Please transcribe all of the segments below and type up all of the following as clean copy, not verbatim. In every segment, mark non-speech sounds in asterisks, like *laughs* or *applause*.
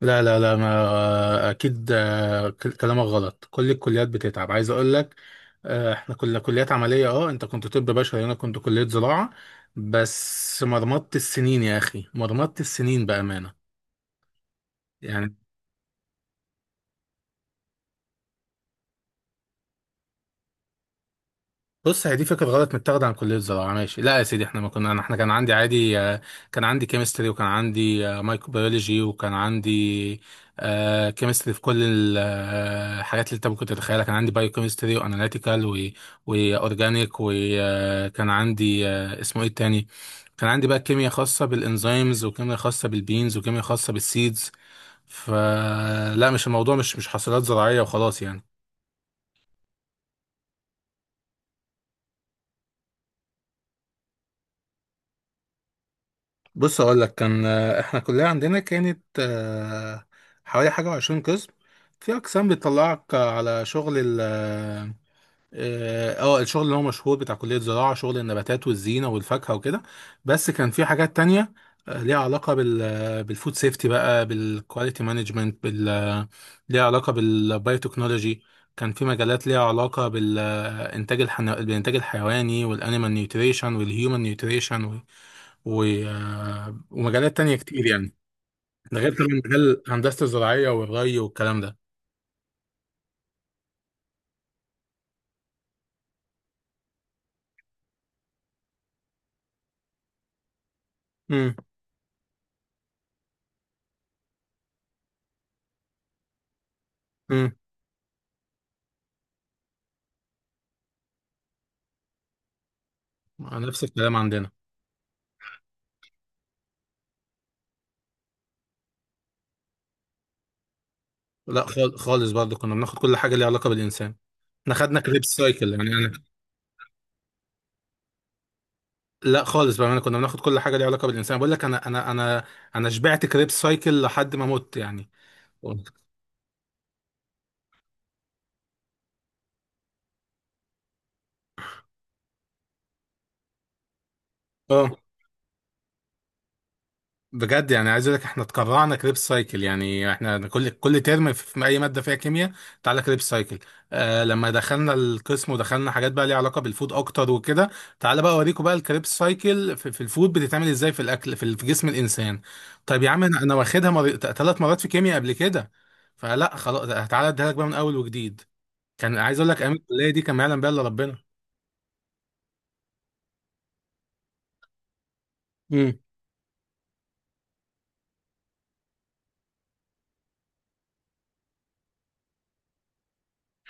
لا لا لا، ما اكيد، كلامك غلط. كل الكليات بتتعب، عايز اقول لك. احنا كنا كليات عمليه. اه، انت كنت طب بشري، انا كنت كليه زراعه. بس مرمطت السنين يا اخي، مرمطت السنين بامانه يعني. بص، هي دي فكره غلط متاخده عن كليه الزراعه، ماشي؟ لا يا سيدي، احنا ما كنا انا احنا كان عندي عادي. كان عندي كيمستري، وكان عندي مايكروبيولوجي، وكان عندي كيمستري في كل الحاجات اللي انت ممكن تتخيلها. كان عندي بايو كيمستري واناليتيكال واورجانيك، وكان عندي اسمه ايه التاني. كان عندي بقى كيمياء خاصه بالانزيمز، وكيمياء خاصه بالبينز، وكيمياء خاصه بالسيدز. فلا، مش الموضوع، مش حاصلات زراعيه وخلاص يعني. بص، اقول لك. كان احنا كلية عندنا كانت حوالي حاجة وعشرين قسم. في اقسام بتطلعك على شغل ال اه آه، الشغل اللي هو مشهور بتاع كلية زراعة، شغل النباتات والزينة والفاكهة وكده. بس كان في حاجات تانية ليها علاقة بالفود سيفتي، بقى بالكواليتي مانجمنت، بال آه، ليها علاقة بالبايوتكنولوجي. كان في مجالات ليها علاقة بالإنتاج الحيواني، والأنيمال نيوتريشن، والهيومن نيوتريشن. و... آه، ومجالات تانية كتير يعني. ده غير طبعا مجال هندسة الزراعية والري والكلام ده. امم. امم. نفس الكلام عندنا. لا، خالص برضه كنا بناخد كل حاجة ليها علاقة بالإنسان. احنا خدنا كريب سايكل يعني. انا لا خالص بقى، انا كنا بناخد كل حاجة ليها علاقة بالإنسان، بقول لك. انا شبعت كريب سايكل لحد ما مت يعني. اه. بجد يعني، عايز اقول لك، احنا اتكرعنا كريب سايكل يعني. احنا كل ترم، في اي ماده فيها كيمياء، تعالى كريب سايكل. لما دخلنا القسم ودخلنا حاجات بقى ليها علاقه بالفود اكتر وكده، تعالى بقى اوريكم بقى الكريب سايكل في الفود بتتعمل ازاي، في الاكل في جسم الانسان. طيب يا عم، أنا واخدها 3 مرات في كيمياء قبل كده. فلا خلاص، تعالى اديها لك بقى من اول وجديد. كان عايز اقول لك، ايام الكليه دي كان ما يعلم بها الا ربنا. مم.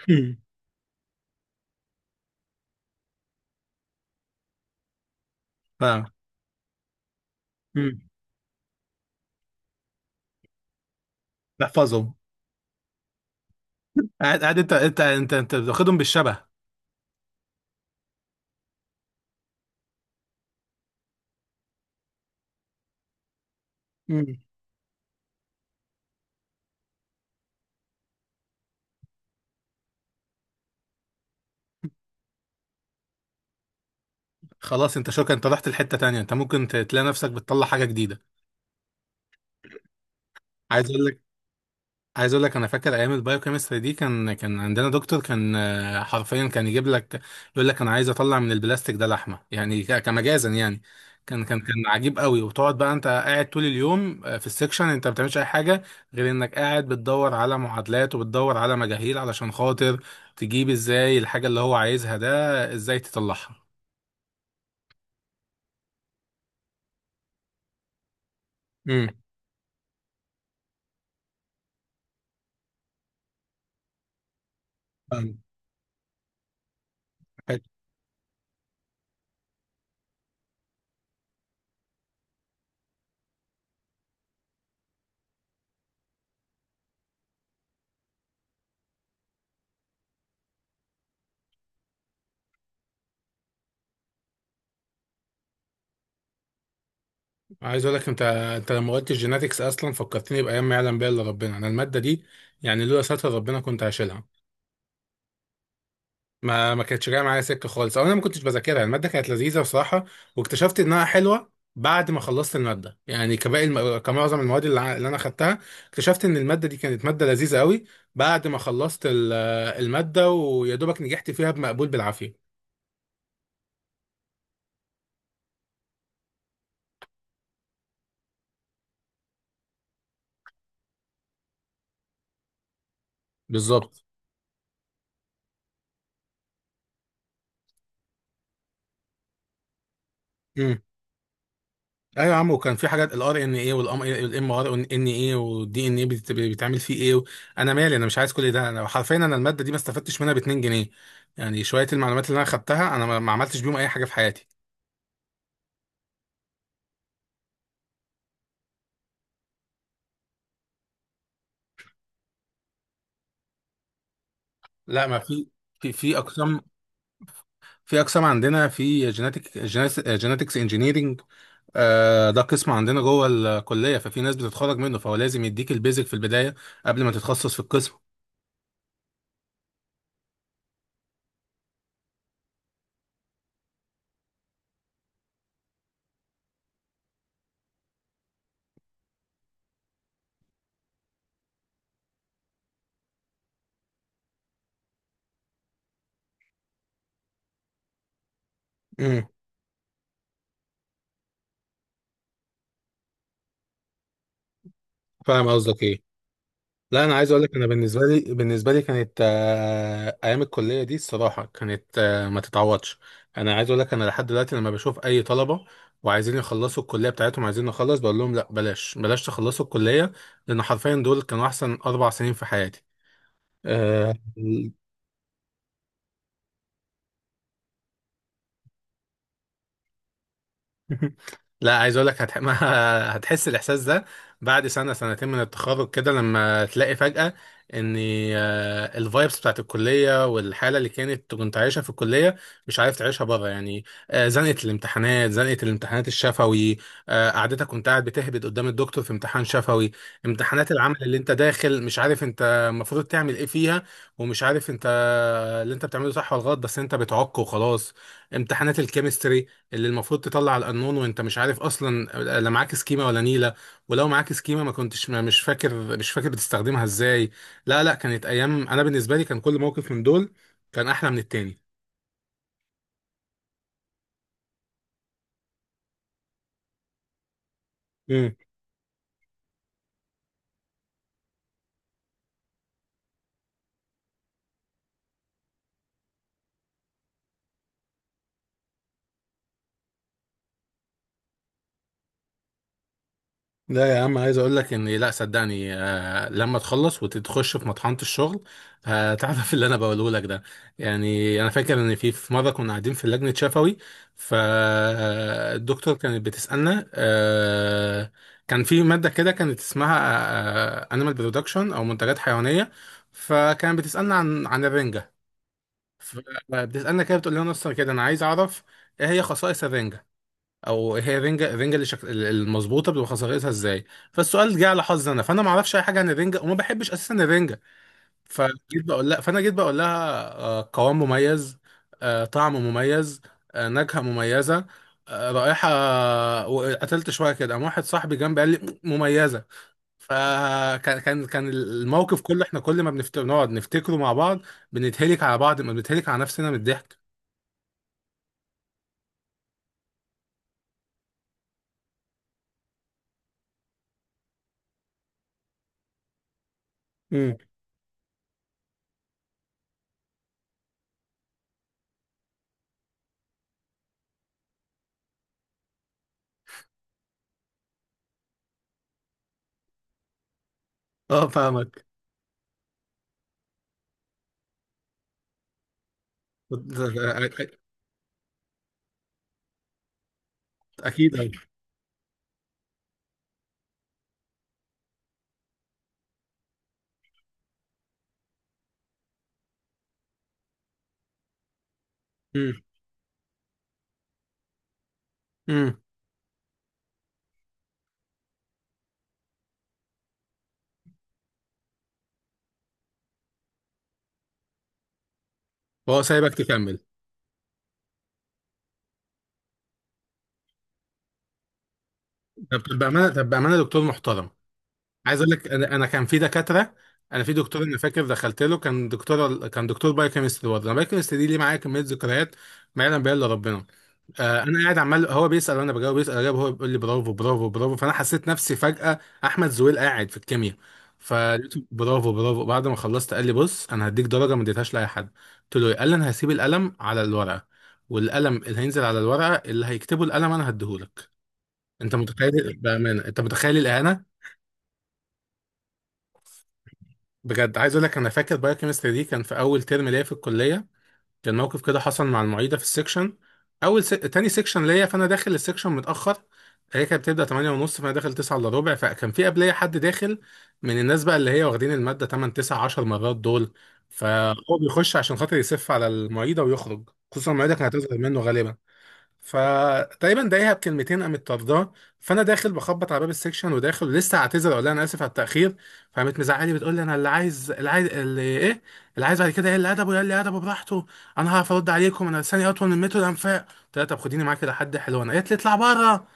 مم. فاهم. مم. تحفظهم. قاعد، انت بتاخدهم بالشبه. خلاص، انت شكرا، انت رحت لحته تانية. انت ممكن تلاقي نفسك بتطلع حاجه جديده. عايز اقول لك عايز اقول لك، انا فاكر ايام البايوكيمستري دي. كان عندنا دكتور، كان حرفيا كان يجيب لك يقول لك: انا عايز اطلع من البلاستيك ده لحمه يعني، كمجازا يعني. كان عجيب قوي. وتقعد بقى انت، قاعد طول اليوم في السكشن. انت ما بتعملش اي حاجه غير انك قاعد بتدور على معادلات وبتدور على مجاهيل، علشان خاطر تجيب ازاي الحاجه اللي هو عايزها ده، ازاي تطلعها. امم. عايز اقول لك، انت لما قلت الجيناتكس اصلا فكرتني بايام ما يعلم بها الا ربنا. انا الماده دي، يعني لولا ستر ربنا كنت هشيلها. ما كانتش جايه معايا سكه خالص، او انا ما كنتش بذاكرها. الماده كانت لذيذه بصراحه، واكتشفت انها حلوه بعد ما خلصت الماده، يعني كباقي كمعظم المواد اللي انا خدتها. اكتشفت ان الماده دي كانت ماده لذيذه قوي، بعد ما خلصت الماده، ويا دوبك نجحت فيها بمقبول بالعافيه. بالظبط. ايوه يا عم، وكان في حاجات الRNA والام ار ان اي والدي ان اي، بيتعمل فيه ايه انا مالي؟ انا مش عايز كل ده. انا حرفيا، انا الماده دي ما استفدتش منها ب 2 جنيه يعني. شويه المعلومات اللي انا خدتها، انا ما عملتش بيهم اي حاجه في حياتي. لا، ما في في في اقسام في اقسام عندنا في جيناتكس انجينيرنج. ده قسم عندنا جوه الكليه، ففي ناس بتتخرج منه، فهو لازم يديك البيزك في البدايه قبل ما تتخصص في القسم. امم. فاهم قصدك ايه. لا، انا عايز اقول لك، انا بالنسبه لي، كانت ايام الكليه دي الصراحه كانت ما تتعوضش. انا عايز اقول لك، انا لحد دلوقتي لما بشوف اي طلبه وعايزين يخلصوا الكليه بتاعتهم، عايزين نخلص، بقول لهم لا، بلاش بلاش تخلصوا الكليه. لان حرفيا دول كانوا احسن 4 سنين في حياتي. آه، *laughs* لا عايز اقول لك *laughs* ما هتحس الاحساس ده بعد سنه سنتين من التخرج كده، لما تلاقي فجاه ان الفايبس بتاعت الكليه والحاله اللي كنت عايشها في الكليه مش عارف تعيشها بره يعني. زنقه الامتحانات، زنقه الامتحانات الشفوي. قعدتك كنت قاعد بتهبد قدام الدكتور في امتحان شفوي. امتحانات العمل اللي انت داخل مش عارف انت المفروض تعمل ايه فيها، ومش عارف انت اللي انت بتعمله صح ولا غلط، بس انت بتعك وخلاص. امتحانات الكيمستري اللي المفروض تطلع القانون وانت مش عارف اصلا، لا معاك سكيمه ولا نيله. ولو معاك سكيمه ما كنتش ما مش فاكر بتستخدمها ازاي. لا لا، كانت ايام. انا بالنسبه لي، كان كل موقف من دول كان احلى من التاني. لا يا عم، عايز اقول لك ان، لا صدقني، لما تخلص وتخش في مطحنة الشغل هتعرف *laughs* اللي انا بقوله لك ده. يعني انا فاكر ان في مره كنا قاعدين في لجنه شفوي. فالدكتور كانت بتسالنا، كان في ماده كده كانت اسمها انيمال برودكشن او منتجات حيوانيه، فكانت بتسالنا عن الرنجه. فبتسالنا كده، بتقول لنا: اصلا كده انا عايز اعرف، ايه هي خصائص الرنجه، او هي رينجا رينجا اللي المظبوطه بتبقى خسارتها ازاي؟ فالسؤال جه على حظي انا. فانا ما اعرفش اي حاجه عن الرينجا، وما بحبش اساسا الرينجا. فجيت بقول لها فانا جيت بقول لها: قوام مميز، طعم مميز، نكهه مميزه، رائحه وقتلت شويه كده، قام واحد صاحبي جنبي قال لي: مميزه. فكان كان كان الموقف كله. احنا كل ما نقعد نفتكره مع بعض بنتهلك على بعض، بنتهلك على نفسنا من الضحك. امم. اه فاهمك. أ- أ- اكيد. أوي. امم. وهو سايبك تكمل؟ طب بامانه، دكتور محترم. عايز اقول لك، انا كان في دكاتره. انا في دكتور انا فاكر دخلت له، كان دكتور، بايوكيمستري برضه. انا بايوكيمستري دي ليه معايا كميه ذكريات ما يعلم بها الا ربنا. انا قاعد عمال هو بيسال وانا بجاوب، بيسال اجاوب، هو بيقول لي: برافو، برافو، برافو. فانا حسيت نفسي فجاه احمد زويل قاعد في الكيمياء. فقلت برافو برافو. بعد ما خلصت قال لي: بص، انا هديك درجه ما اديتهاش لاي حد. قلت له: إيه؟ قال لي: انا هسيب القلم على الورقه، والقلم اللي هينزل على الورقه، اللي هيكتبه القلم انا هديهولك. انت متخيل بامانه؟ انت متخيل الاهانه؟ بجد، عايز اقول لك، انا فاكر بايوكيمستري دي كان في اول ترم ليا في الكليه. كان موقف كده حصل مع المعيده في السكشن. تاني سكشن ليا، فانا داخل السكشن متاخر. هي كانت بتبدا 8 ونص، فانا داخل 9 الا ربع. فكان في قبليه حد داخل من الناس بقى، اللي هي واخدين الماده 8 9 10 مرات دول. فهو بيخش عشان خاطر يسف على المعيده ويخرج، خصوصا المعيده كانت هتظهر منه غالبا. فتقريبا ضايقها بكلمتين، قامت طرداه. فانا داخل بخبط على باب السكشن وداخل ولسه هعتذر، اقول لها انا اسف على التاخير. فقامت مزعلي، بتقول لي: انا اللي عايز، اللي عايز، اللي ايه اللي عايز بعد كده، ايه اللي ادبه؟ يقول لي ادبه براحته. انا هعرف ارد عليكم، انا لساني اطول من متر الانفاق. قلت لها: طب خديني معاك كده، حد حلو انا. قالت لي: اطلع بره.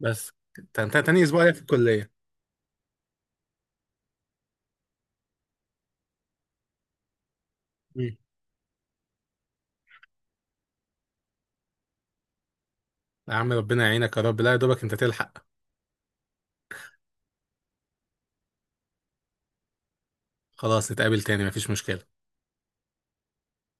بس تاني اسبوع ليا في الكليه. مم. يا عم، ربنا يعينك يا رب. لا يا دوبك انت تلحق. خلاص، نتقابل تاني مفيش مشكله.